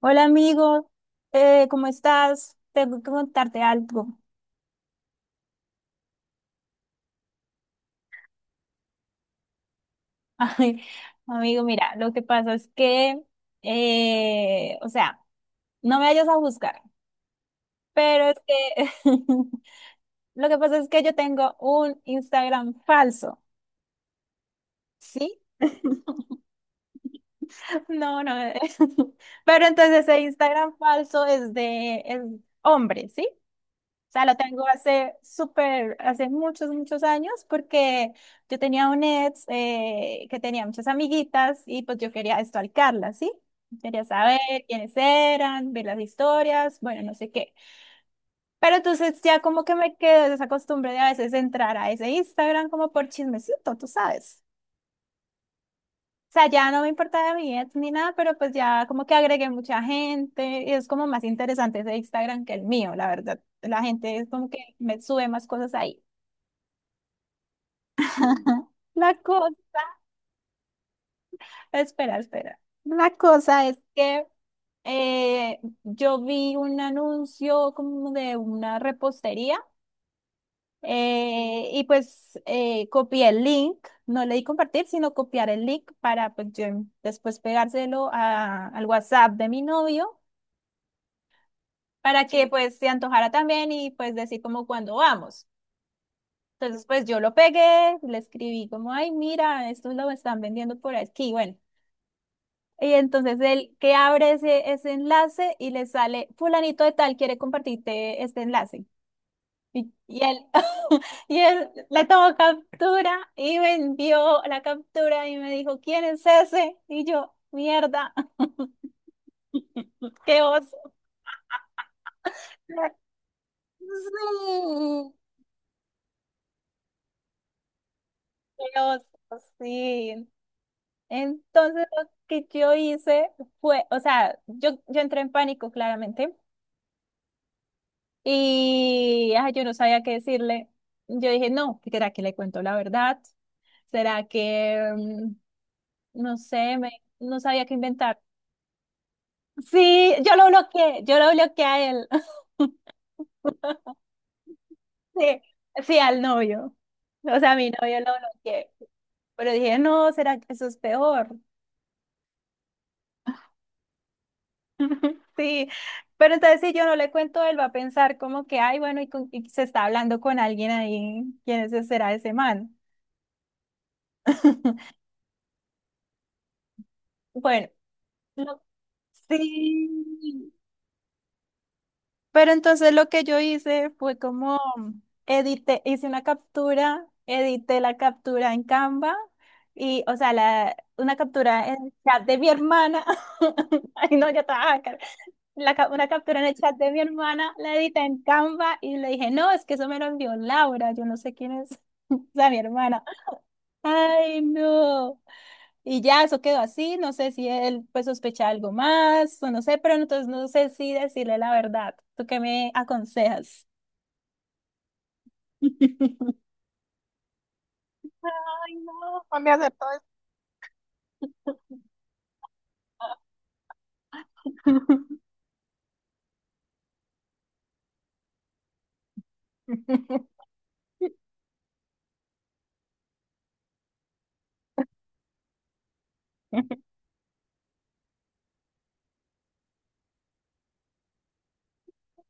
Hola amigo, ¿cómo estás? Tengo que contarte algo. Ay, amigo, mira, lo que pasa es que, o sea, no me vayas a juzgar, pero es que lo que pasa es que yo tengo un Instagram falso, ¿sí? No, no, pero entonces ese Instagram falso es de es hombre, ¿sí? O sea, lo tengo hace súper, hace muchos, muchos años, porque yo tenía un ex que tenía muchas amiguitas y pues yo quería estalcarlas, ¿sí? Quería saber quiénes eran, ver las historias, bueno, no sé qué. Pero entonces ya como que me quedé de esa costumbre de a veces entrar a ese Instagram como por chismecito, tú sabes. O sea, ya no me importaba mi ex ni nada, pero pues ya como que agregué mucha gente y es como más interesante ese Instagram que el mío, la verdad. La gente es como que me sube más cosas ahí. La cosa, espera, espera. La cosa es que yo vi un anuncio como de una repostería y pues copié el link, no le di compartir, sino copiar el link para pues yo después pegárselo al WhatsApp de mi novio para que pues se antojara también y pues decir como cuándo vamos. Entonces pues yo lo pegué, le escribí como, ay, mira, esto lo están vendiendo por aquí, bueno. Y entonces él que abre ese enlace y le sale, fulanito de tal quiere compartirte este enlace. Y él, y él le tomó captura y me envió la captura y me dijo, ¿quién es ese? Y yo, mierda, qué oso. Sí, qué oso, sí. Entonces lo que yo hice fue, o sea, yo entré en pánico claramente. Y ay, yo no sabía qué decirle. Yo dije, no, ¿será que le cuento la verdad? ¿Será que, no sé, no sabía qué inventar? Sí, yo lo bloqueé a él, sí, sí, al novio. O sea, a mi novio lo bloqueé. Pero dije, no, ¿será que eso es peor? Sí, pero entonces si yo no le cuento, él va a pensar como que, ay, bueno, y se está hablando con alguien ahí, ¿quién ese será ese man? Bueno, lo- sí. Pero entonces lo que yo hice fue como edité, hice una captura, edité la captura en Canva y, o sea, una captura en el chat de mi hermana. Ay, no, ya estaba. Una captura en el chat de mi hermana, la edité en Canva y le dije, no, es que eso me lo envió Laura, yo no sé quién es, o sea, mi hermana. Ay, no. Y ya, eso quedó así, no sé si él pues sospecha algo más, o no sé, pero entonces no sé si decirle la verdad. ¿Tú qué me aconsejas? Ay, no, no me acertó esto.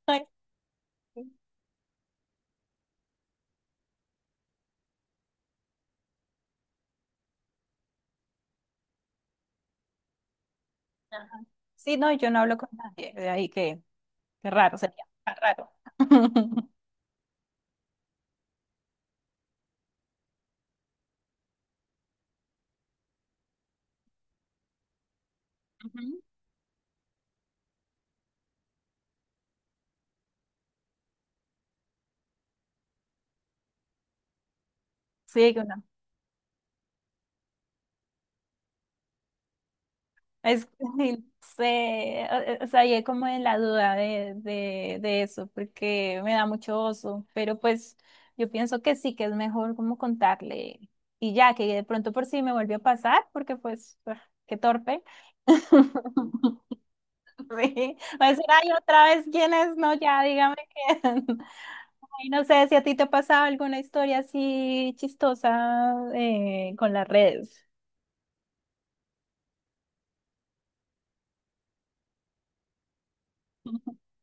Ay, sí. Ajá. Sí, no, yo no hablo con nadie, de ahí que, qué raro sería, ah, raro. Ujú. Sí, que Es, sé, o sea, yo como en la duda de eso, porque me da mucho oso, pero pues yo pienso que sí, que es mejor como contarle y ya, que de pronto por sí me volvió a pasar, porque pues, ah, qué torpe. Sí, va a decir, ay, otra vez, ¿quién es? No, ya, dígame quién. Y no sé si a ti te ha pasado alguna historia así chistosa con las redes.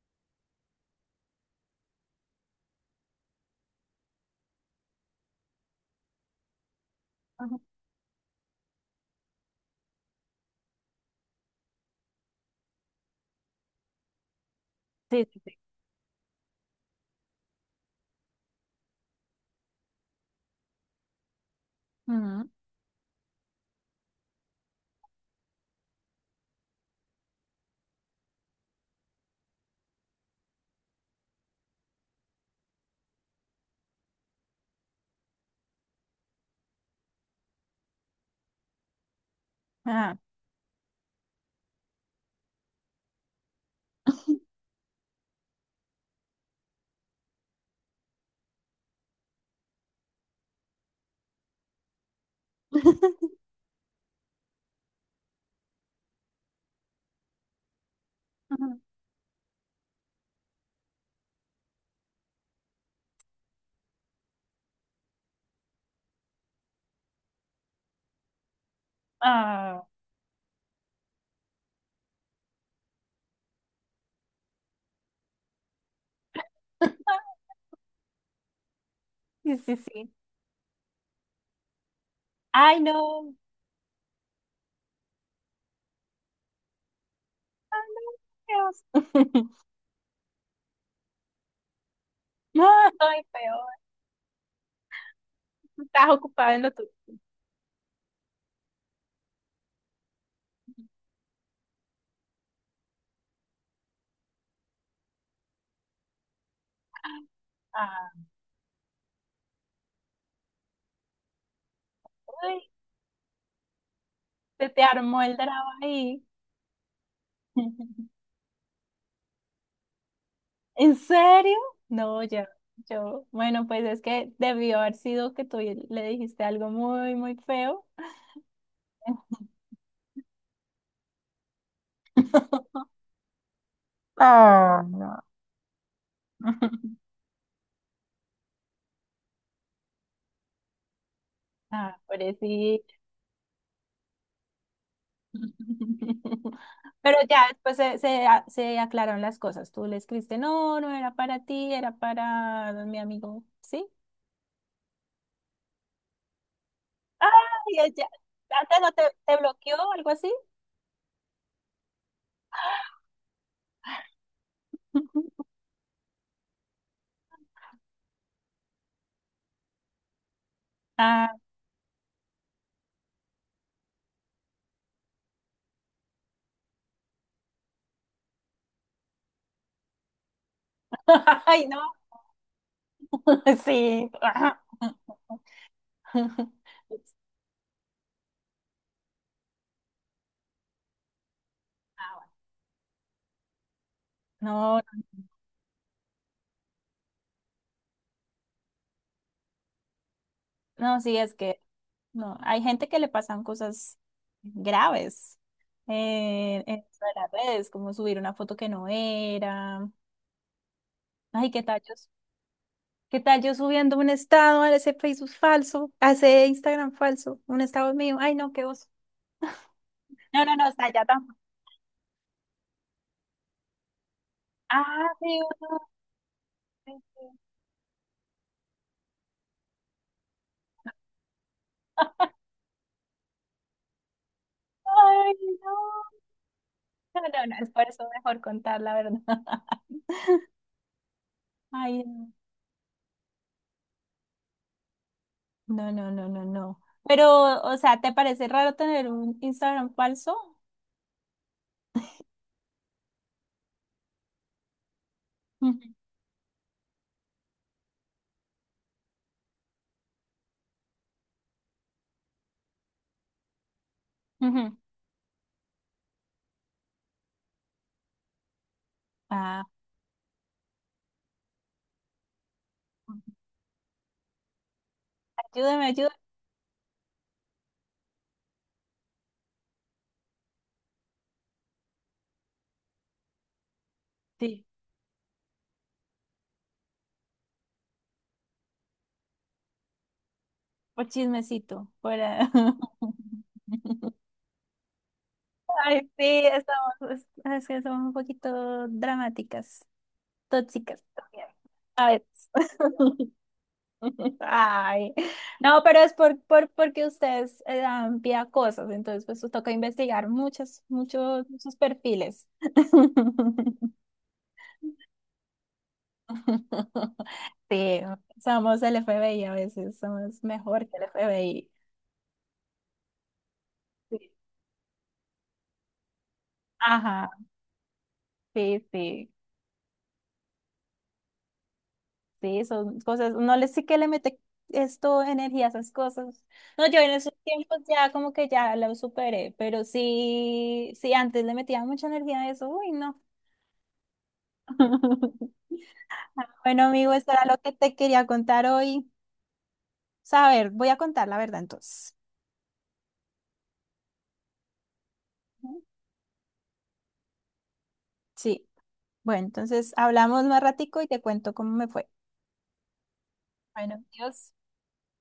Sí, sí, sí. Ujú. Ajá. Ujú. Ah, sí, sí, sí. Ay, no. Dios. Ay, peor. Estás ocupado en lo tuyo. Ah. Ay, se te armó el drama ahí. ¿En serio? No, ya, yo, bueno, pues es que debió haber sido que tú le dijiste algo muy, muy feo. Ah, no. Ah, sí. Pero ya después se aclararon las cosas. Tú le escribiste, no, no era para ti, era para mi amigo, ¿sí? Ay, ya, ya. ¿Antes no te bloqueó o algo así? Ah, ay, no. Sí. Ajá. No, no, sí, es que no, hay gente que le pasan cosas graves en esto de las redes, como subir una foto que no era. Ay, qué tal yo subiendo un estado a ese Facebook falso, a ese Instagram falso, un estado mío. Ay, no, qué oso. No, no, no, está ya tampoco. Ah, sí, uno, sí, sí. Ay, no. No, no, no, es por eso mejor contar la verdad. Ay, no. No, no, no, no, no. Pero, o sea, ¿te parece raro tener un Instagram falso? Ujú, ujú. Ah, ayúdame, ayúdame. Sí. Por chismecito, por... ah. Ay, sí, estamos, es que somos un poquito dramáticas, tóxicas también. A veces. Ay, no, pero es porque ustedes dan pie a cosas, entonces pues os toca investigar muchos, muchos, muchos perfiles. Sí, somos el FBI a veces, somos mejor que el FBI. Sí. Ajá, sí, sí, sí, son cosas, no le sí que le mete esto, energía a esas cosas. No, yo en esos tiempos ya como que ya lo superé, pero sí, sí, antes le metía mucha energía a eso, uy, no. Bueno, amigo, esto era lo que te quería contar hoy. Saber, voy a contar la verdad entonces. Sí, bueno, entonces hablamos más ratico y te cuento cómo me fue. Bueno, adiós.